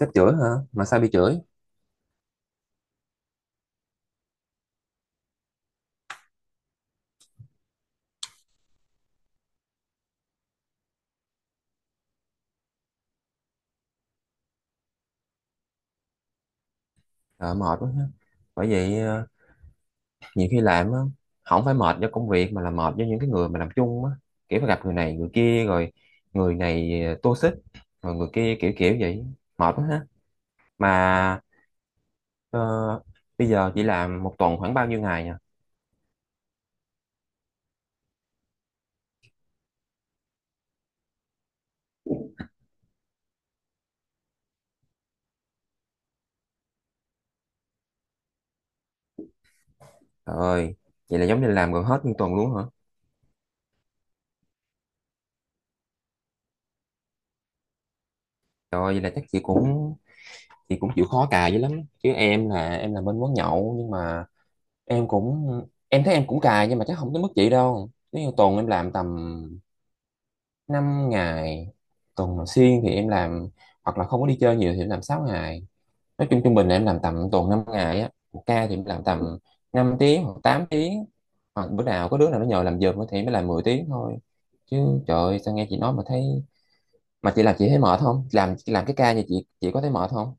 Sếp chửi hả? Mà sao bị chửi? Trời, mệt quá ha. Bởi vậy nhiều khi làm á không phải mệt do công việc mà là mệt do những cái người mà làm chung á, kiểu phải gặp người này người kia rồi. Người này toxic, rồi người kia kiểu kiểu vậy. Mệt quá ha. Mà ờ, bây giờ chị làm một tuần khoảng bao nhiêu ngày nhỉ? Trời ơi, vậy là giống như làm gần hết nguyên tuần luôn hả? Trời ơi, vậy là chắc chị cũng chịu khó cài dữ lắm. Chứ em là em làm bên quán nhậu nhưng mà em cũng, em thấy em cũng cài nhưng mà chắc không tới mức vậy đâu. Nếu như tuần em làm tầm 5 ngày, tuần mà xuyên thì em làm, hoặc là không có đi chơi nhiều thì em làm 6 ngày. Nói chung trung bình là em làm tầm tuần 5 ngày á, một ca thì em làm tầm 5 tiếng hoặc 8 tiếng, hoặc bữa nào có đứa nào nó nhờ làm giùm thì mới làm 10 tiếng thôi. Chứ trời ơi, sao nghe chị nói mà thấy. Mà chị làm chị thấy mệt không? Làm cái ca như chị có thấy mệt không?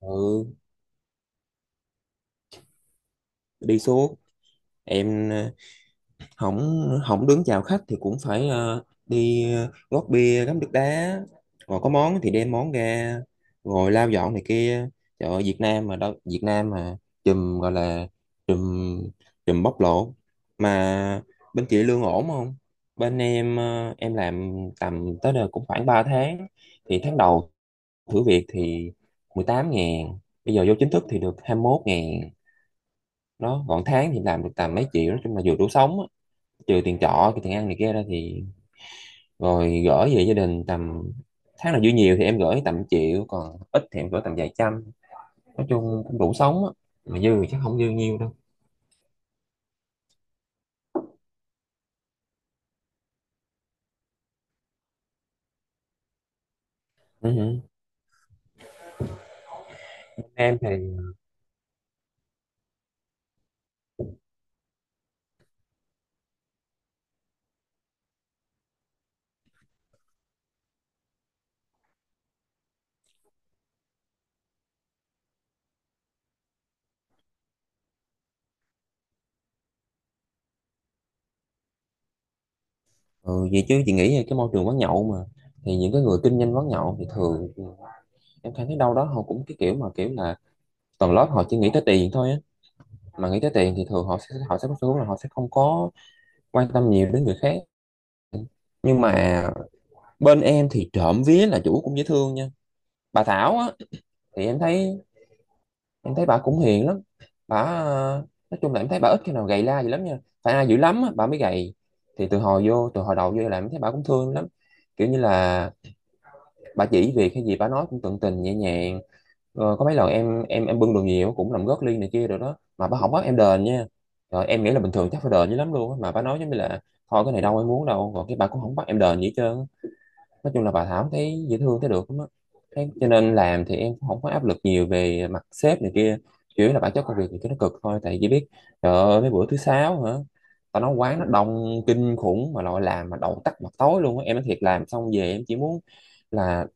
Ừ, đi suốt. Em không, không đứng chào khách thì cũng phải đi, gót bia, ngắm nước đá, rồi có món thì đem món ra, rồi lau dọn này kia. Trời ơi, Việt Nam mà đâu, Việt Nam mà chùm, gọi là chùm, chùm bóc lột. Mà bên chị lương ổn không? Bên em em làm tầm tới đây cũng khoảng 3 tháng, thì tháng đầu thử việc thì 18 ngàn, bây giờ vô chính thức thì được 21 ngàn đó. Còn tháng thì làm được tầm mấy triệu, nói chung là vừa đủ sống á, trừ tiền trọ tiền ăn này kia ra, thì rồi gửi về gia đình tầm, tháng nào dư nhiều thì em gửi tầm triệu, còn ít thì em gửi tầm vài trăm. Nói chung cũng đủ sống á, mà dư thì chắc không dư nhiều đâu. Ừ, hử. Em thì ừ, vậy chứ chị nghĩ là cái môi trường quán nhậu mà thì những cái người kinh doanh quán nhậu thì thường, em thấy đâu đó họ cũng cái kiểu mà kiểu là tầng lớp họ chỉ nghĩ tới tiền thôi á. Mà nghĩ tới tiền thì thường họ sẽ có xu hướng là họ sẽ không có quan tâm nhiều đến người khác. Nhưng mà bên em thì trộm vía là chủ cũng dễ thương nha. Bà Thảo á, thì em thấy, em thấy bà cũng hiền lắm. Bà nói chung là em thấy bà ít khi nào gầy la gì lắm nha, phải ai dữ lắm á bà mới gầy. Thì từ hồi vô, từ hồi đầu vô là em thấy bà cũng thương lắm, kiểu như là bà chỉ việc hay gì bà nói cũng tận tình nhẹ nhàng. Có mấy lần em bưng đồ nhiều cũng làm gót ly này kia rồi đó mà bà không bắt em đền nha. Rồi em nghĩ là bình thường chắc phải đền dữ lắm luôn á, mà bà nói giống như là thôi cái này đâu em muốn đâu, rồi cái bà cũng không bắt em đền gì hết trơn á. Nói chung là bà Thảo thấy dễ thương, thấy được lắm á. Thế cho nên làm thì em cũng không có áp lực nhiều về mặt sếp này kia, chủ yếu là bản chất công việc thì cái nó cực thôi. Tại chỉ biết trời ơi mấy bữa thứ sáu hả, tao nói quán nó đông kinh khủng mà loại làm mà đầu tắt mặt tối luôn á. Em nói thiệt, làm xong về em chỉ muốn là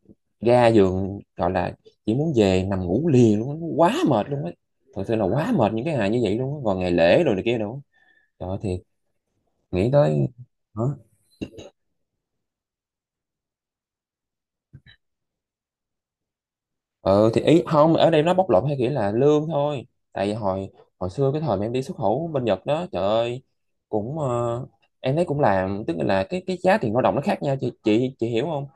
ra giường, gọi là chỉ muốn về nằm ngủ liền luôn á. Nó quá mệt luôn á, thật sự là quá mệt những cái ngày như vậy luôn á. Còn ngày lễ rồi này kia đâu, trời ơi thiệt, nghĩ tới. Ừ thì ý không ở đây nó bóc lột theo nghĩa là lương thôi. Tại vì hồi hồi xưa cái thời mà em đi xuất khẩu bên Nhật đó, trời ơi, cũng em thấy cũng làm, tức là cái giá tiền lao động nó khác nhau, chị hiểu không?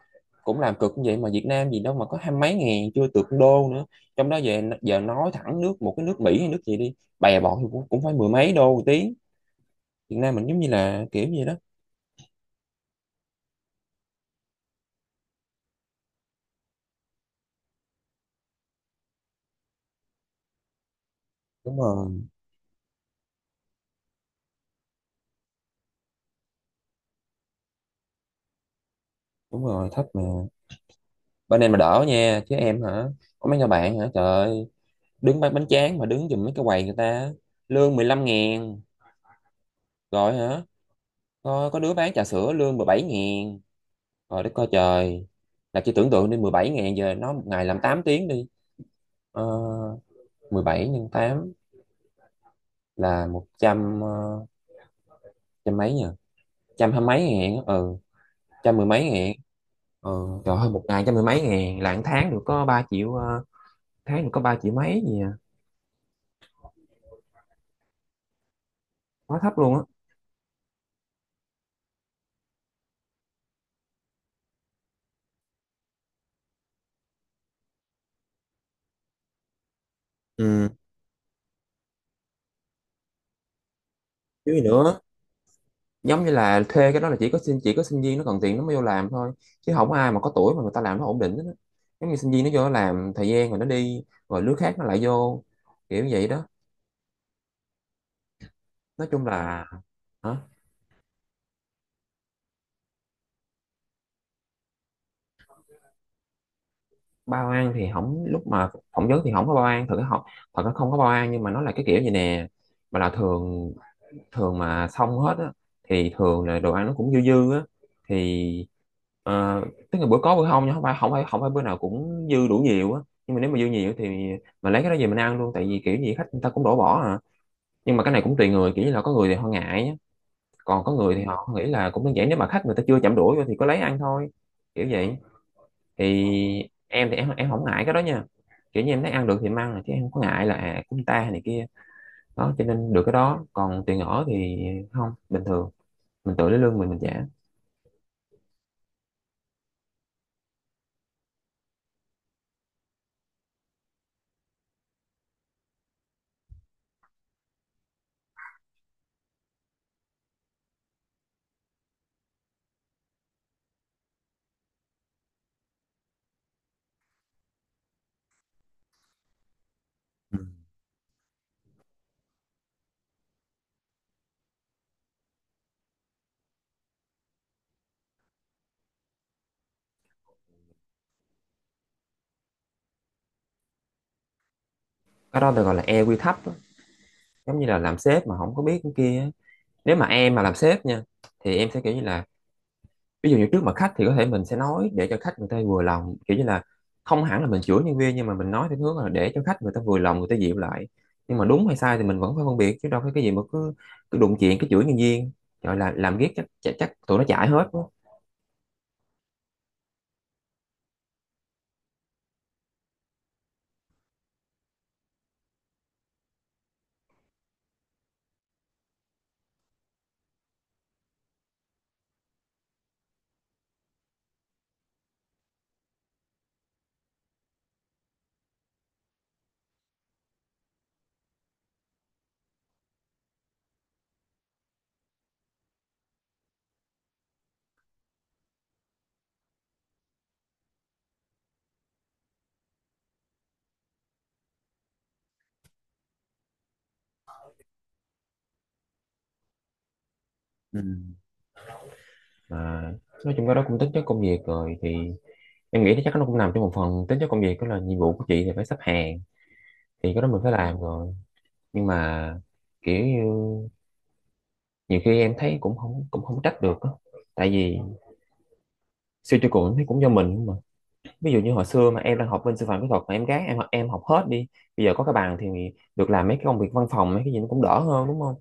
Cũng làm cực như vậy mà Việt Nam gì đâu mà có hai mấy ngàn, chưa được con đô nữa. Trong đó về giờ nói thẳng nước, một cái nước Mỹ hay nước gì đi, bè bọn thì cũng, cũng phải mười mấy đô một tiếng. Việt Nam mình giống như là kiểu gì đó. Đúng rồi. Đúng rồi, thấp mà. Bên em mà đỡ nha, chứ em hả, có mấy người bạn hả, trời ơi, đứng bán bánh tráng mà đứng giùm mấy cái quầy người ta lương 15 ngàn. Rồi hả, có đứa bán trà sữa lương 17 ngàn. Rồi đất coi trời, là chỉ tưởng tượng đi, 17 ngàn giờ nó một ngày làm 8 tiếng đi, ờ, 17 nhân 8 là 100 trăm mấy nhỉ, trăm hai mấy ngàn á, ừ, trăm mười mấy ngàn. Ừ. Trời ơi, một ngày trăm mười mấy ngàn là một tháng được có 3 triệu tháng được có 3 triệu mấy gì à, quá thấp luôn á. Ừ, chứ gì nữa. Giống như là thuê cái đó là chỉ có sinh, chỉ có sinh viên nó cần tiền nó mới vô làm thôi, chứ không có ai mà có tuổi mà người ta làm nó ổn định hết á. Giống như sinh viên nó vô nó làm thời gian rồi nó đi, rồi lứa khác nó lại vô, kiểu vậy đó. Nói chung là, hả? Bao ăn thì không, lúc mà phỏng vấn thì không có bao ăn thật không, thật nó không có bao ăn. Nhưng mà nó là cái kiểu gì nè, mà là thường, thường mà xong hết á, thì thường là đồ ăn nó cũng dư dư á, thì ờ, tức là bữa có bữa không nha, không phải bữa nào cũng dư đủ nhiều á. Nhưng mà nếu mà dư nhiều thì mình lấy cái đó về mình ăn luôn, tại vì kiểu gì khách người ta cũng đổ bỏ à. Nhưng mà cái này cũng tùy người, kiểu như là có người thì họ ngại á, còn có người thì họ nghĩ là cũng đơn giản, nếu mà khách người ta chưa chạm đũa vô thì có lấy ăn thôi, kiểu vậy. Thì em thì em không ngại cái đó nha, kiểu như em thấy ăn được thì em ăn chứ em không có ngại là à, cúng ta này kia đó. Cho nên được cái đó, còn tiền ở thì không, bình thường mình tự lấy lương mình trả. Ừ. Cái đó được gọi là e quy thấp á, giống như là làm sếp mà không có biết cái kia á. Nếu mà em mà làm sếp nha thì em sẽ kiểu như là ví dụ như trước mặt khách thì có thể mình sẽ nói để cho khách người ta vừa lòng, kiểu như là không hẳn là mình chửi nhân viên nhưng mà mình nói theo hướng là để cho khách người ta vừa lòng, người ta dịu lại. Nhưng mà đúng hay sai thì mình vẫn phải phân biệt, chứ đâu phải cái gì mà cứ cứ đụng chuyện cái chửi nhân viên, gọi là làm ghét chắc, chắc tụi nó chảy hết quá. Ừ. mà nói chung cái đó cũng tính chất công việc rồi, thì em nghĩ chắc nó cũng nằm trong một phần tính chất công việc. Đó là nhiệm vụ của chị thì phải xếp hàng, thì cái đó mình phải làm rồi. Nhưng mà kiểu như nhiều khi em thấy cũng không trách được á. Tại vì siêu tiêu cự thấy cũng do mình không mà. Ví dụ như hồi xưa mà em đang học bên sư phạm kỹ thuật mà em gác em học hết đi, bây giờ có cái bàn thì được làm mấy cái công việc văn phòng mấy cái gì nó cũng đỡ hơn, đúng không?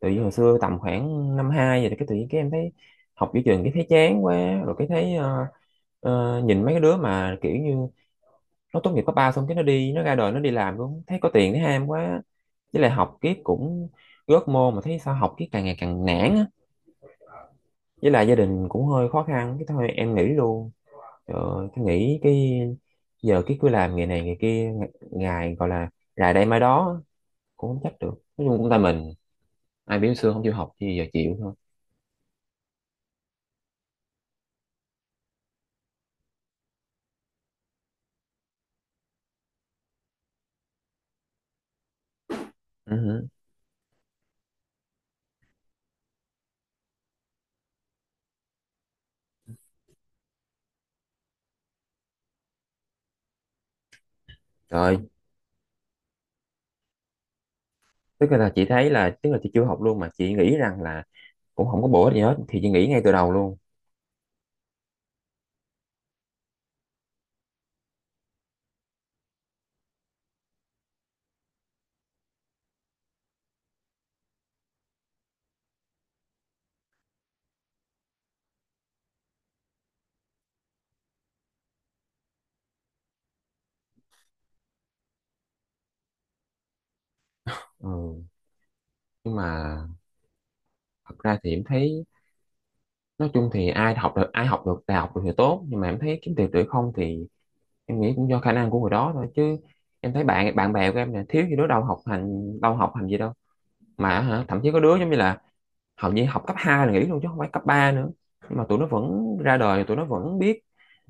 Tự nhiên hồi xưa tầm khoảng năm hai vậy thì cái tự nhiên cái em thấy học giữa trường cái thấy chán quá. Rồi cái thấy nhìn mấy cái đứa mà kiểu như nó tốt nghiệp cấp ba xong cái nó đi nó ra đời nó đi làm luôn thấy có tiền thấy ham quá. Với lại học kiếp cũng gớt môn mà thấy sao học kiếp càng ngày càng nản á. Với lại gia đình cũng hơi khó khăn cái thôi em nghỉ luôn. Trời, tôi nghĩ cái giờ cái cứ làm ngày này ngày kia, ngày gọi là rày đây mai đó cũng không chắc được. Nói chung cũng tại mình, ai biểu xưa không chịu học thì giờ chịu thôi. Ừ. Hử. Rồi. Tức là chị thấy là, tức là chị chưa học luôn mà chị nghĩ rằng là cũng không có bổ ích gì hết thì chị nghĩ ngay từ đầu luôn. Ừ. Nhưng mà thật ra thì em thấy nói chung thì ai học được đại học được thì tốt, nhưng mà em thấy kiếm tiền được không thì em nghĩ cũng do khả năng của người đó thôi chứ. Em thấy bạn bạn bè của em nè thiếu gì đó, đâu học hành gì đâu, mà hả, thậm chí có đứa giống như là hầu như học cấp 2 là nghỉ luôn chứ không phải cấp 3 nữa. Nhưng mà tụi nó vẫn ra đời, tụi nó vẫn biết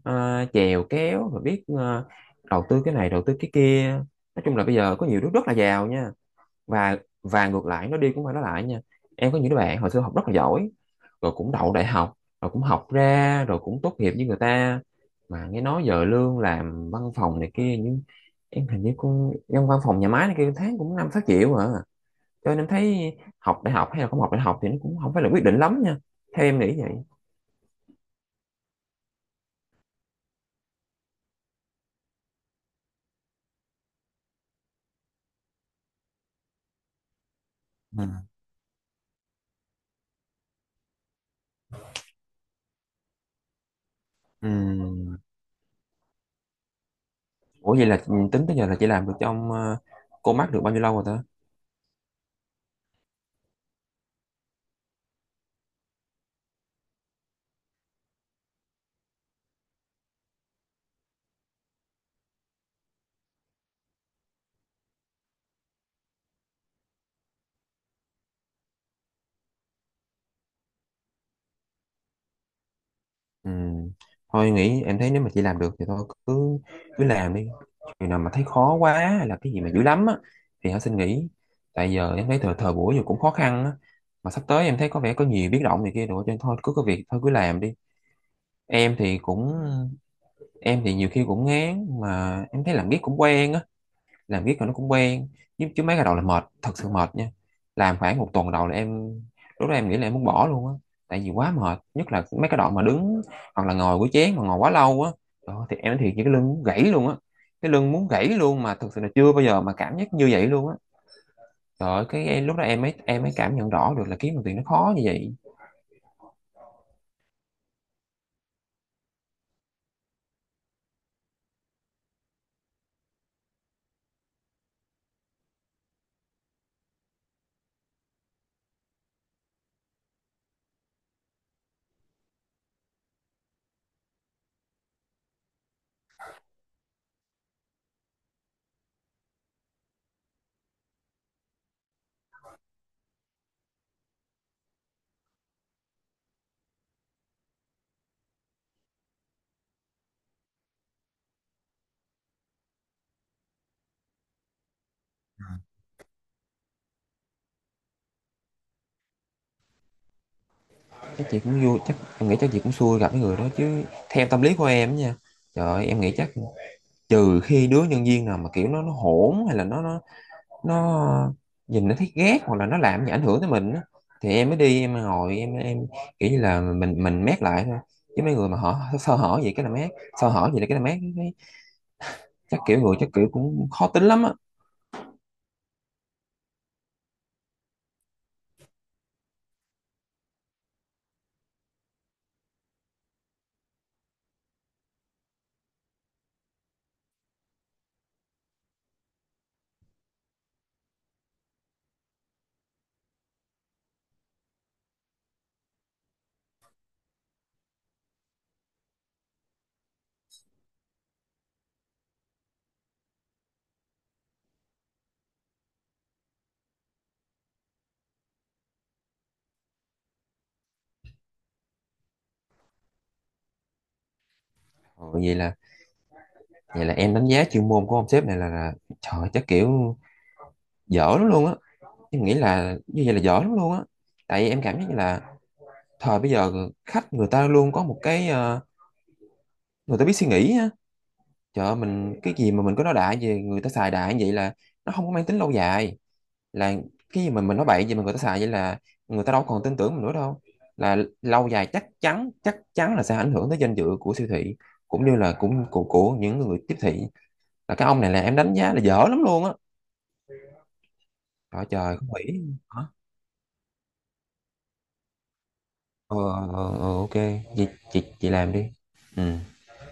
chèo kéo và biết đầu tư cái này đầu tư cái kia. Nói chung là bây giờ có nhiều đứa rất là giàu nha. Và và ngược lại nó đi cũng phải nó lại nha. Em có những đứa bạn hồi xưa học rất là giỏi, rồi cũng đậu đại học, rồi cũng học ra rồi cũng tốt nghiệp với người ta, mà nghe nói giờ lương làm văn phòng này kia, nhưng em hình như con trong văn phòng nhà máy này kia tháng cũng 5-6 triệu à. Cho nên em thấy học đại học hay là không học đại học thì nó cũng không phải là quyết định lắm nha, theo em nghĩ vậy. Ừ. Ừ. Ủa vậy là tính tới giờ là chị làm được trong cô mắc được bao nhiêu lâu rồi ta? Ừ. Thôi nghĩ em thấy nếu mà chị làm được thì thôi cứ cứ làm đi. Chừng nào mà thấy khó quá hay là cái gì mà dữ lắm á thì hãy xin nghỉ. Tại giờ em thấy thời thời buổi giờ cũng khó khăn á, mà sắp tới em thấy có vẻ có nhiều biến động này kia rồi, cho nên thôi cứ có việc thôi cứ làm đi. Em thì cũng em thì nhiều khi cũng ngán mà em thấy làm biết cũng quen á, làm riết rồi nó cũng quen. Chứ mấy cái đầu là mệt, thật sự mệt nha. Làm khoảng một tuần đầu là em, lúc đó em nghĩ là em muốn bỏ luôn á, tại vì quá mệt, nhất là mấy cái đoạn mà đứng hoặc là ngồi của chén mà ngồi quá lâu á. Đó, thì em nói thiệt với cái lưng muốn gãy luôn á, cái lưng muốn gãy luôn, mà thực sự là chưa bao giờ mà cảm giác như vậy luôn á. Trời ơi, lúc đó em mới cảm nhận rõ được là kiếm đồng tiền nó khó như vậy. Chắc em nghĩ chắc chị cũng xui gặp cái người đó chứ, theo tâm lý của em nha. Trời ơi, em nghĩ chắc trừ khi đứa nhân viên nào mà kiểu nó hỗn, hay là nó nhìn nó thấy ghét, hoặc là nó làm gì ảnh hưởng tới mình á, thì em mới đi em ngồi em kiểu như là mình mét lại thôi. Chứ mấy người mà họ sơ hở gì cái là mét, sơ hở gì là cái là mét cái, chắc kiểu cũng khó tính lắm á. Ừ, vậy là em đánh giá chuyên môn của ông sếp này là, trời ơi, chắc kiểu dở lắm luôn á, em nghĩ là như vậy là dở lắm luôn á. Tại vì em cảm giác như là thời bây giờ khách người ta luôn có một cái, người ta biết suy nghĩ á. Trời ơi, mình cái gì mà mình cứ nói đại về người ta xài đại như vậy là nó không có mang tính lâu dài, là cái gì mà mình nói bậy gì mà người ta xài vậy là người ta đâu còn tin tưởng mình nữa đâu. Là lâu dài chắc chắn là sẽ ảnh hưởng tới danh dự của siêu thị, cũng như là cũng của những người tiếp thị. Là cái ông này là em đánh giá là dở lắm luôn á. Trời trời không nghĩ. Hả? Ờ, ờ, ờ, ok. Chị làm đi. Ừ.